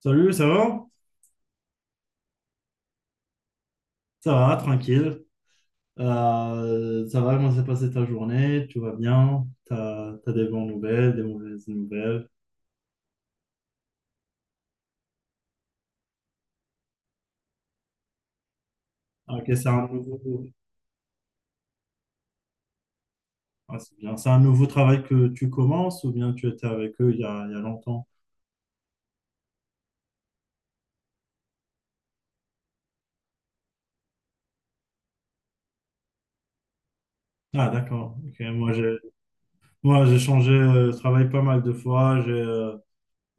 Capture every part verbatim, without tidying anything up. Salut, ça va? Ça va, tranquille. Euh, ça va, comment s'est passée ta journée? Tout va bien? T'as, t'as des bonnes nouvelles, des mauvaises nouvelles? Ah, ok, c'est un nouveau... ah, c'est bien. C'est un nouveau travail que tu commences ou bien tu étais avec eux il y a, il y a longtemps? Ah, d'accord. Ok, Moi, j'ai moi, j'ai changé euh, de travail pas mal de fois. J'ai, euh,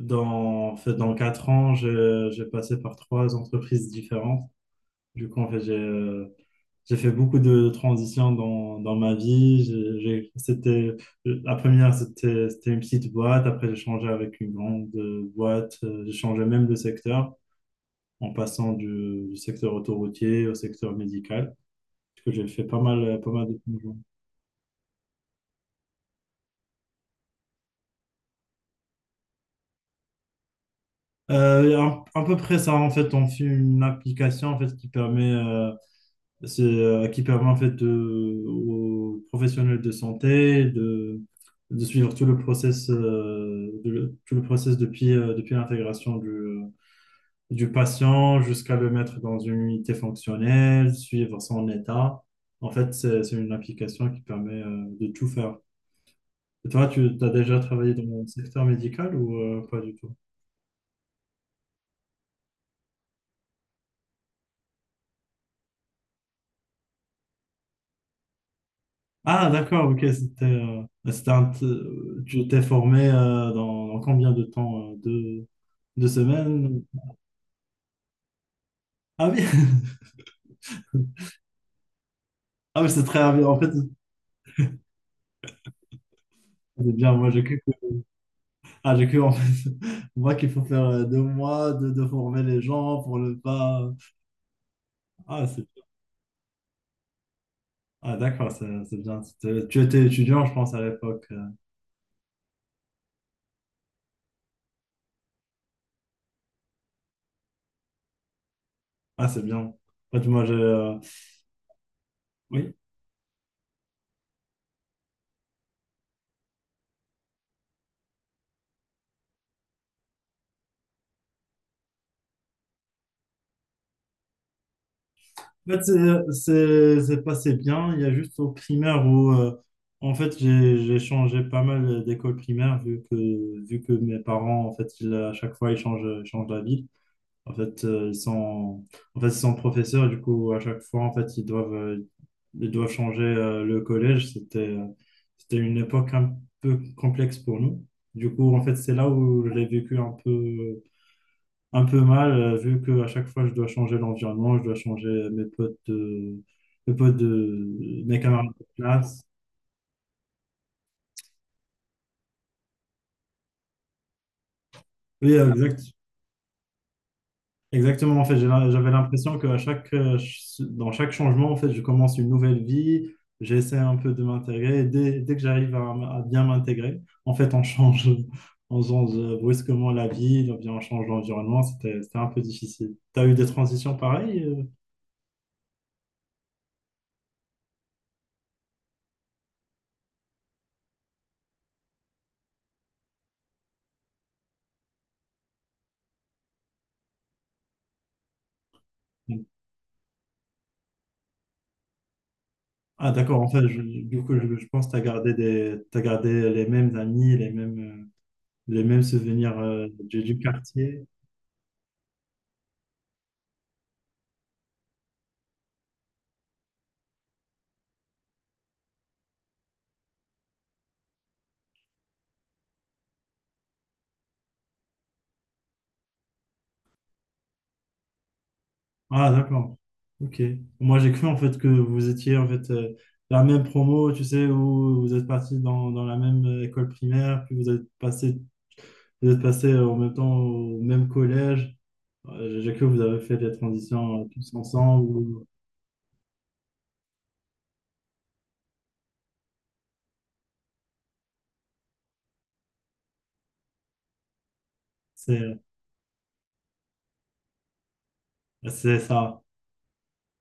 dans, en fait, dans quatre ans, j'ai j'ai passé par trois entreprises différentes. Du coup, en fait, j'ai... euh, j'ai fait beaucoup de transitions dans, dans ma vie. J'ai, j'ai- c'était, la première, c'était, c'était une petite boîte. Après, j'ai changé avec une grande euh, boîte. Euh, J'ai changé même de secteur en passant du, du secteur autoroutier au secteur médical. Parce que j'ai fait pas mal, pas mal de changements. Euh, à à peu près ça, en fait, on fait une application en fait, qui permet euh, C'est, euh, qui permet en fait de, aux professionnels de santé de, de suivre tout le process, euh, de le- tout le process depuis, euh, depuis l'intégration du, euh, du patient jusqu'à le mettre dans une unité fonctionnelle, suivre son état. En fait, c'est, c'est une application qui permet, euh, de tout faire. Et toi, tu as déjà travaillé dans le secteur médical ou, euh, pas du tout? Ah, d'accord, ok, c'était euh, c'était un t- euh, tu t'es formé euh, dans, dans combien de temps? euh, deux, deux semaines? Ah oui, ah oui, c'est très rapide. En fait, c'est bien, moi j'ai cru que, ah, j'ai cru en fait, moi qu'il faut faire euh, deux mois de, de former les gens pour ne pas... Ah, c'est, ah d'accord, c'est c'est bien. C'était- tu étais étudiant, je pense, à l'époque. Euh. Ah, c'est bien. En fait, moi, j'ai... euh, Oui, En fait, c'est c'est- c'est passé bien. Il y a juste au primaire où, euh, en fait, j'ai j'ai changé pas mal d'école primaire vu que, vu que mes parents, en fait, ils, à chaque fois, ils changent, ils changent la ville. En fait, euh, ils sont, en fait, ils sont professeurs. Du coup, à chaque fois, en fait, ils doivent, euh, ils doivent changer, euh, le collège. C'était, euh, c'était une époque un peu complexe pour nous. Du coup, en fait, c'est là où je l'ai vécu un peu, un peu mal, euh, vu que à chaque fois, je dois changer l'environnement, je dois changer mes potes de, mes potes de, mes camarades de classe. Oui, euh, exact, exactement. En fait, j'ai la- j'avais l'impression que à chaque, euh, ch- dans chaque changement, en fait, je commence une nouvelle vie. J'essaie un peu de m'intégrer. Et Dès, dès que j'arrive à, m- à bien m'intégrer, en fait, on change, on change euh, brusquement la vie, on vient- on change l'environnement. C'était, c'était un peu difficile. T'as eu des transitions pareilles? Euh Ah d'accord, en fait, je, du coup, je, je pense que tu as gardé des, t'as gardé les mêmes amis, les mêmes, euh, les mêmes souvenirs euh, du, du quartier. Ah d'accord, ok. Moi, j'ai cru en fait que vous étiez en fait euh, la même promo, tu sais, où vous êtes partis dans, dans la même euh, école primaire, puis vous êtes passé, vous êtes passé euh, en même temps au même collège. Euh, J'ai j'ai cru que vous avez fait des transitions euh, tous ensemble. C'est c'est ça.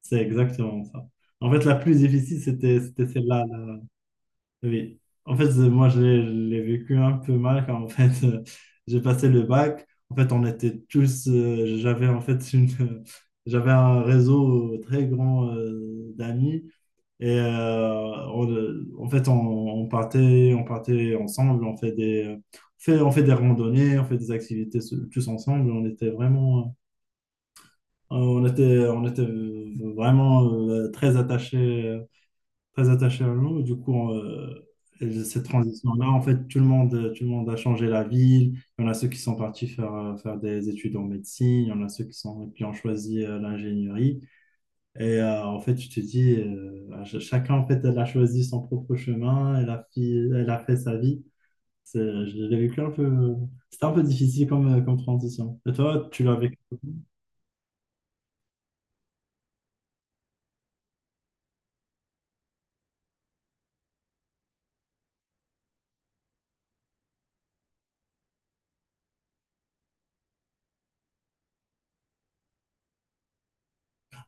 C'est exactement ça. En fait, la plus difficile, c'était c'était celle-là. Là. Oui. En fait, euh, moi, je l'ai je l'ai vécu un peu mal quand en fait, euh, j'ai passé le bac. En fait, on était tous. euh, j'avais en fait une, euh, j'avais un réseau très grand euh, d'amis. Et euh, on, euh, en fait, on, on partait, on partait ensemble. On fait des, euh, on fait, on fait des randonnées, on fait des activités se- tous ensemble. On était vraiment. euh, on était, on était vraiment euh, très attachés très attachée à l'eau. Du coup, euh, et cette transition-là, en fait, tout le monde, tout le monde a changé la ville. Il y en a ceux qui sont partis faire, euh, faire des études en médecine. Il y en a ceux qui sont, qui ont choisi euh, l'ingénierie. Et euh, en fait, je te dis, euh, ch- chacun, en fait, elle a choisi son propre chemin. Elle a, fi- elle a fait sa vie. C'est- Je l'ai vécu un peu... C'était un peu difficile comme, euh, comme transition. Et toi, tu l'as vécu?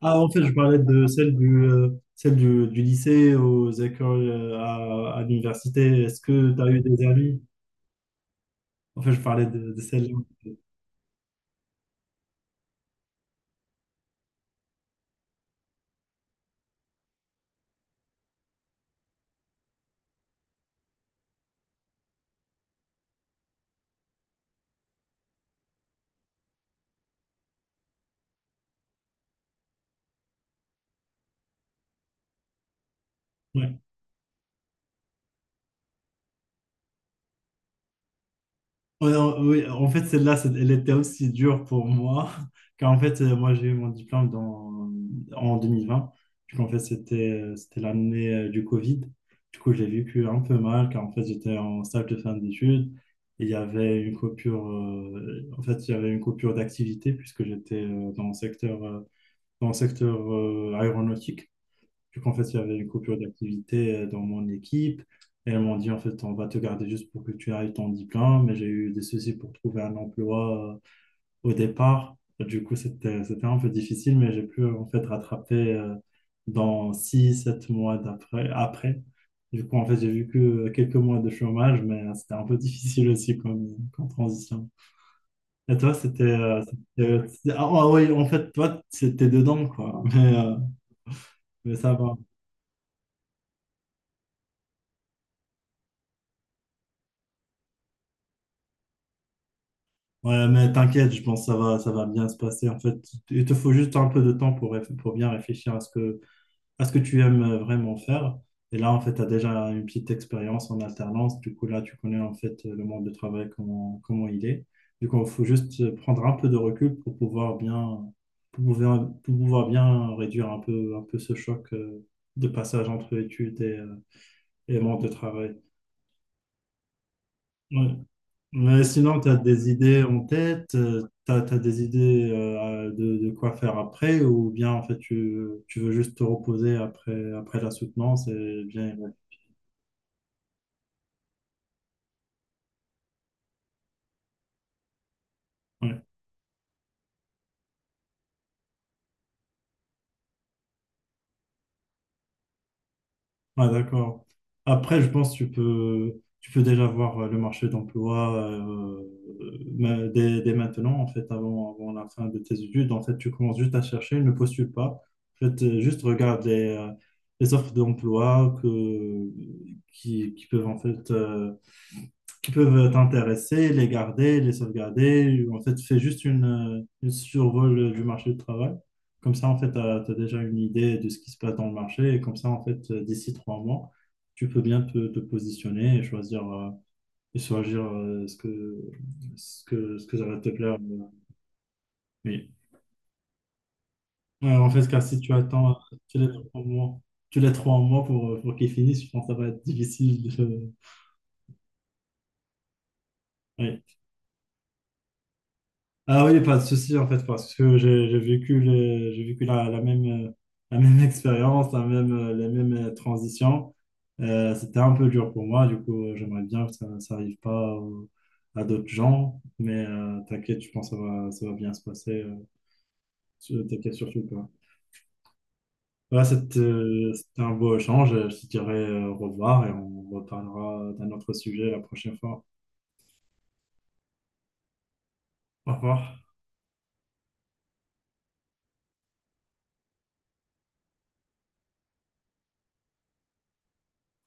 Ah, en fait, je parlais de celle du, euh, celle du, du lycée aux écoles, euh, à, à l'université. Est-ce que tu as eu des amis? En fait, je parlais de, de celle-là. Ouais. Ouais, en- oui, en fait, celle-là, c'est- elle était aussi dure pour moi, car en fait, euh, moi, j'ai eu mon diplôme dans, en deux mille vingt. Du coup, en fait, c'était euh, c'était l'année euh, du Covid. Du coup, j'ai vécu un peu mal, car en fait, j'étais en stage de fin d'études. Et il y avait une coupure, euh, en fait, il y avait une coupure d'activité, puisque j'étais euh, dans le secteur, euh, dans le secteur euh, aéronautique. Vu qu'en fait, il y avait une coupure d'activité euh, dans mon équipe. Et elles m'ont dit, en fait, on va te garder juste pour que tu ailles ton diplôme. Mais j'ai eu des soucis pour trouver un emploi euh, au départ. Du coup, c'était, c'était un peu difficile, mais j'ai pu, en fait, rattraper euh, dans six sept mois d'après, après. Du coup, en fait, j'ai vu que quelques mois de chômage, mais euh, c'était un peu difficile aussi comme, comme transition. Et toi, c'était... euh, c'était- c'était- ah ouais, en fait, toi, c'était dedans, quoi. Mais, euh, mais ça va. Ouais, mais t'inquiète, je pense que ça va, ça va bien se passer. En fait, il te faut juste un peu de temps pour, réf- pour bien réfléchir à ce que, à ce que tu aimes euh, vraiment faire. Et là, en fait, tu as déjà une petite expérience en alternance. Du coup, là, tu connais en fait euh, le monde de travail, comment, comment il est. Du coup, il faut juste euh, prendre un peu de recul pour pouvoir bien, pour pouvoir, pour pouvoir bien réduire un peu, un peu ce choc euh, de passage entre études et, euh, et monde de travail. Ouais. Mais sinon, tu as des idées en tête, euh, t'as tu as, des idées euh, de, de quoi faire après, ou bien en fait tu, tu veux juste te reposer après, après la soutenance et bien. Ouais, ouais, ah, d'accord. Après, je pense que tu peux, tu peux déjà voir euh, le marché d'emploi euh, mais dès, dès maintenant, en fait, avant, avant la fin de tes études. En fait, tu commences juste à chercher, ne postule pas. En fait, euh, juste regarde les, euh, les offres d'emploi que, qui, qui peuvent en fait. euh, qui peuvent t'intéresser, les garder, les sauvegarder. En fait, fais juste une, euh, une survol du marché du travail. Comme ça, en fait, tu as, déjà une idée de ce qui se passe dans le marché. Et comme ça, en fait, euh, d'ici trois mois, tu peux bien te, te positionner et choisir, euh, et choisir euh, ce que, ce que, ce que ça va te plaire. Oui. Ouais, en fait, car si tu attends euh, tous les trois mois, tu les trois mois pour, euh, pour qu'ils finissent, je pense que ça va être difficile de... ouais. Ah oui, pas de souci en fait, parce que j'ai j'ai vécu, le- j'ai vécu la, la même, euh, la même expérience, la même, euh, les mêmes euh, transitions. Euh, c'était un peu dur pour moi, du coup, euh, j'aimerais bien que ça ça arrive pas au- à d'autres gens, mais euh, t'inquiète, je pense que ça va, ça va bien se passer. euh, sur- t'inquiète surtout pas. Voilà, c'était euh, c'était un beau échange. Je te dirai euh, au revoir et on reparlera d'un autre sujet la prochaine fois. Au revoir.